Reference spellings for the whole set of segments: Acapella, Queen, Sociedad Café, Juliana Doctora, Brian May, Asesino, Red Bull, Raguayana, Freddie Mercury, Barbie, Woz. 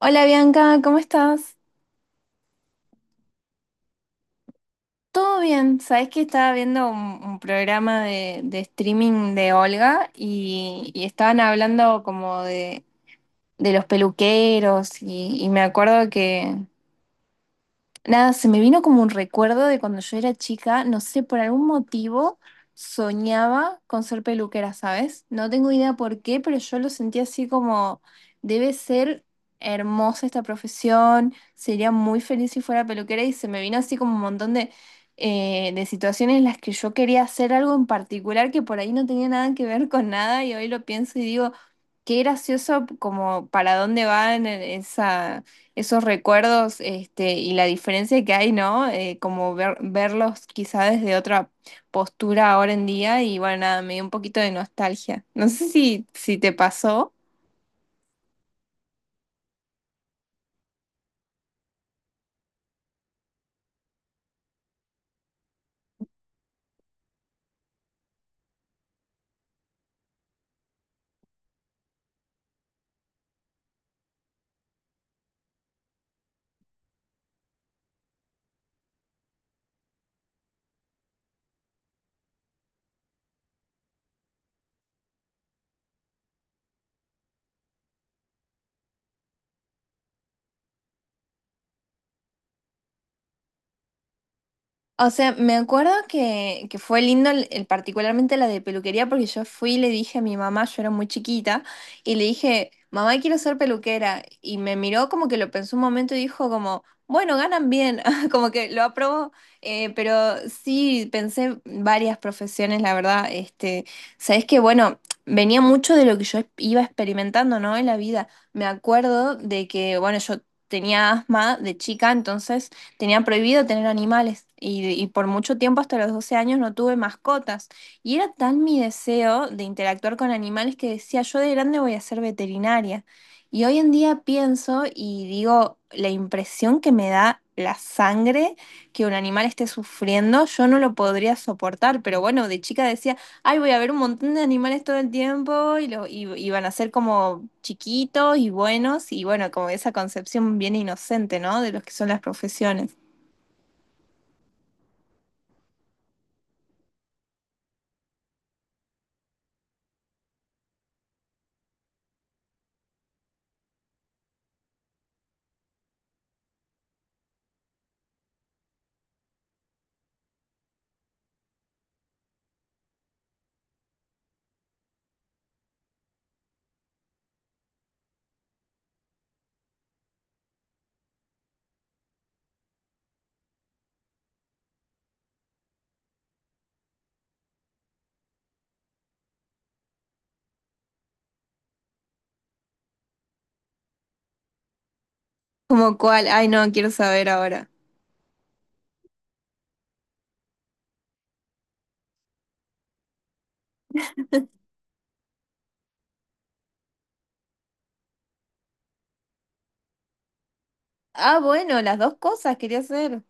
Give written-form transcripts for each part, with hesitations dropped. Hola Bianca, ¿cómo estás? Todo bien. Sabes que estaba viendo un programa de streaming de Olga y, estaban hablando como de los peluqueros y, me acuerdo que Nada, se me vino como un recuerdo de cuando yo era chica, no sé, por algún motivo soñaba con ser peluquera, ¿sabes? No tengo idea por qué, pero yo lo sentía así como, debe ser hermosa esta profesión, sería muy feliz si fuera peluquera. Y se me vino así como un montón de situaciones en las que yo quería hacer algo en particular que por ahí no tenía nada que ver con nada, y hoy lo pienso y digo, qué gracioso como para dónde van esa esos recuerdos. Este, y la diferencia que hay, ¿no? Como verlos quizá desde otra postura ahora en día. Y bueno, nada, me dio un poquito de nostalgia. No sé si te pasó. O sea, me acuerdo que fue lindo particularmente la de peluquería, porque yo fui y le dije a mi mamá, yo era muy chiquita, y le dije, mamá, quiero ser peluquera. Y me miró como que lo pensó un momento y dijo como, bueno, ganan bien, como que lo aprobó. Pero sí, pensé varias profesiones, la verdad. Este, sabes que, bueno, venía mucho de lo que yo iba experimentando, ¿no? En la vida. Me acuerdo de que, bueno, yo tenía asma de chica, entonces... Tenía prohibido tener animales y, por mucho tiempo, hasta los 12 años, no tuve mascotas. Y era tan mi deseo de interactuar con animales que decía, yo de grande voy a ser veterinaria. Y hoy en día pienso y digo, la impresión que me da la sangre que un animal esté sufriendo, yo no lo podría soportar, pero bueno, de chica decía... Ay, voy a ver un montón de animales todo el tiempo y, y van a ser como chiquitos y buenos. Y bueno, como esa concepción bien inocente, ¿no? De los que son las profesiones. ¿Como cuál? Ay no, quiero saber ahora. Ah, bueno, las dos cosas quería hacer.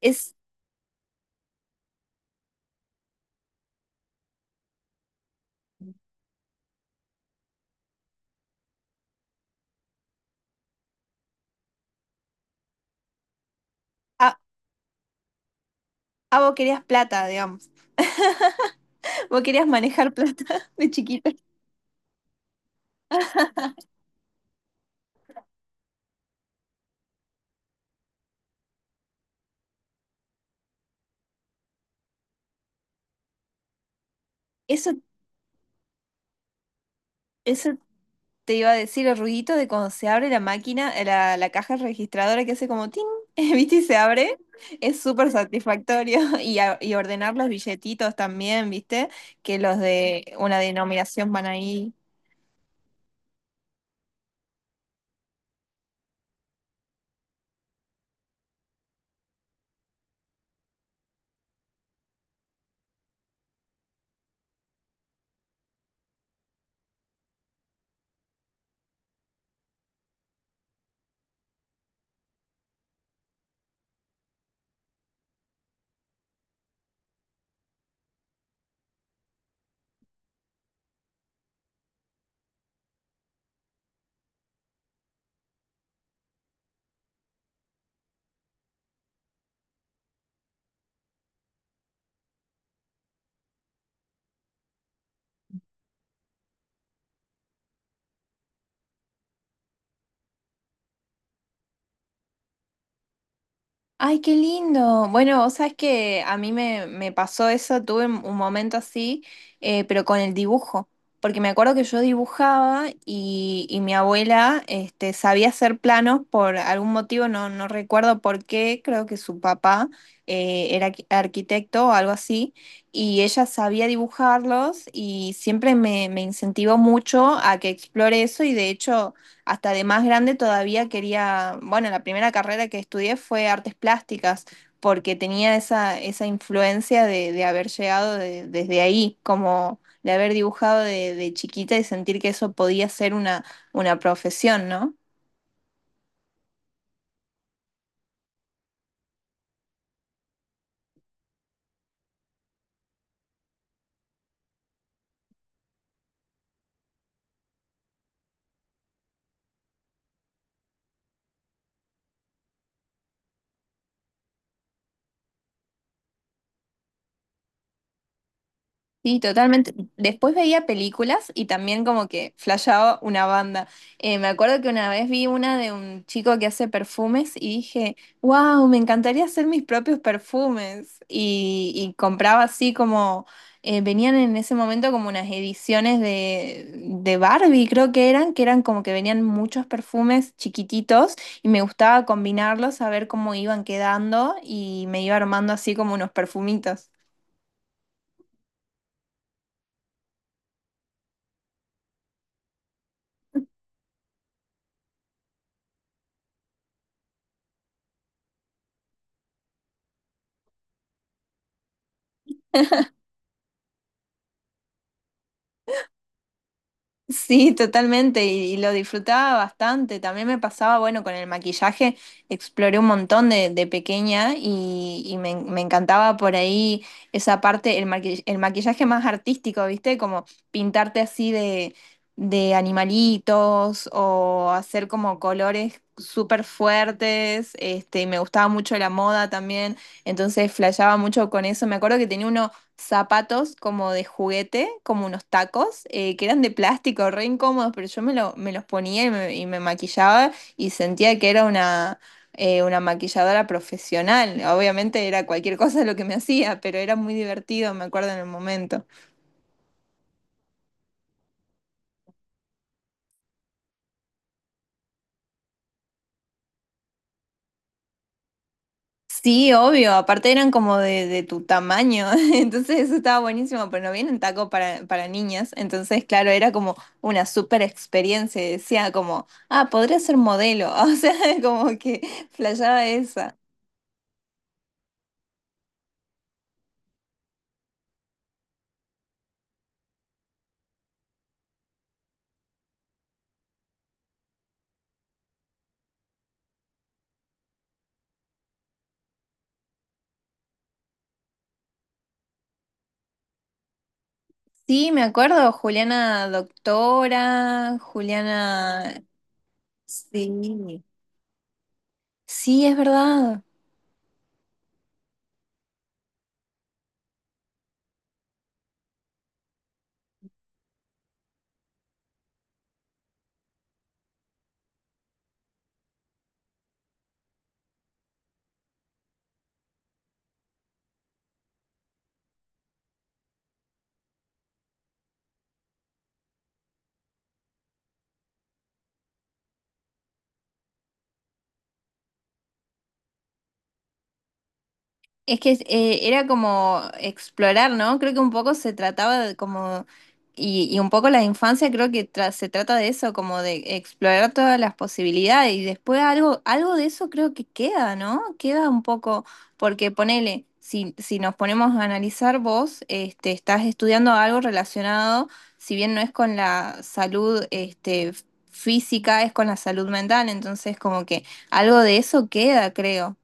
Es, ah, ah, vos querías plata, digamos. Vos querías manejar plata de chiquita. Eso, eso. Te iba a decir el ruidito de cuando se abre la máquina, la caja registradora que hace como tin, ¿viste? Y se abre. Es súper satisfactorio. Y, y ordenar los billetitos también, ¿viste? Que los de una denominación van ahí. Ay, qué lindo. Bueno, vos sabés que a mí me pasó eso, tuve un momento así, pero con el dibujo, porque me acuerdo que yo dibujaba y, mi abuela este, sabía hacer planos por algún motivo, no, no recuerdo por qué, creo que su papá era arquitecto o algo así, y ella sabía dibujarlos y siempre me incentivó mucho a que explore eso, y de hecho hasta de más grande todavía quería. Bueno, la primera carrera que estudié fue artes plásticas, porque tenía esa influencia de haber llegado desde ahí, como de haber dibujado de chiquita, y sentir que eso podía ser una profesión, ¿no? Sí, totalmente. Después veía películas y también como que flashaba una banda. Me acuerdo que una vez vi una de un chico que hace perfumes y dije, wow, me encantaría hacer mis propios perfumes. Y, compraba así como, venían en ese momento como unas ediciones de Barbie, creo que eran como que venían muchos perfumes chiquititos, y me gustaba combinarlos, a ver cómo iban quedando, y me iba armando así como unos perfumitos. Sí, totalmente, y, lo disfrutaba bastante. También me pasaba, bueno, con el maquillaje, exploré un montón de pequeña, y, me encantaba por ahí esa parte, el el maquillaje más artístico, ¿viste? Como pintarte así de animalitos, o hacer como colores súper fuertes. Este, me gustaba mucho la moda también, entonces flasheaba mucho con eso. Me acuerdo que tenía zapatos como de juguete, como unos tacos, que eran de plástico, re incómodos, pero yo me los ponía y y me maquillaba y sentía que era una maquilladora profesional. Obviamente era cualquier cosa lo que me hacía, pero era muy divertido, me acuerdo en el momento. Sí, obvio, aparte eran como de tu tamaño, entonces eso estaba buenísimo, pero no vienen tacos para, niñas, entonces claro, era como una super experiencia, y decía como, ah, podría ser modelo, o sea, como que flasheaba esa. Sí, me acuerdo, Juliana Doctora, Juliana... Sí, sí, es verdad. Es que era como explorar, ¿no? Creo que un poco se trataba de como, y, un poco la infancia creo que se trata de eso, como de explorar todas las posibilidades, y después algo, algo de eso creo que queda, ¿no? Queda un poco, porque ponele, si nos ponemos a analizar vos, este, estás estudiando algo relacionado, si bien no es con la salud, este, física, es con la salud mental, entonces como que algo de eso queda, creo.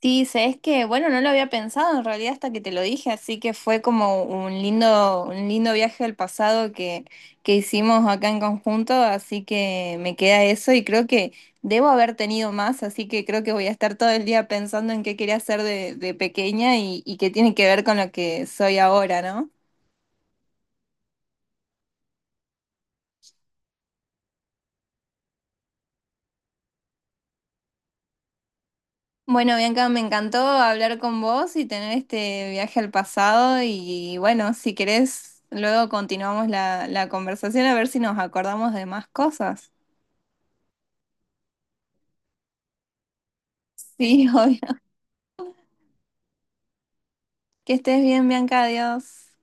Sí, sabes que, bueno, no lo había pensado en realidad hasta que te lo dije, así que fue como un lindo viaje al pasado que, hicimos acá en conjunto, así que me queda eso, y creo que debo haber tenido más, así que creo que voy a estar todo el día pensando en qué quería hacer de pequeña, y, qué tiene que ver con lo que soy ahora, ¿no? Bueno, Bianca, me encantó hablar con vos y tener este viaje al pasado, y bueno, si querés, luego continuamos la conversación, a ver si nos acordamos de más cosas. Sí, obvio. Que estés bien, Bianca, adiós.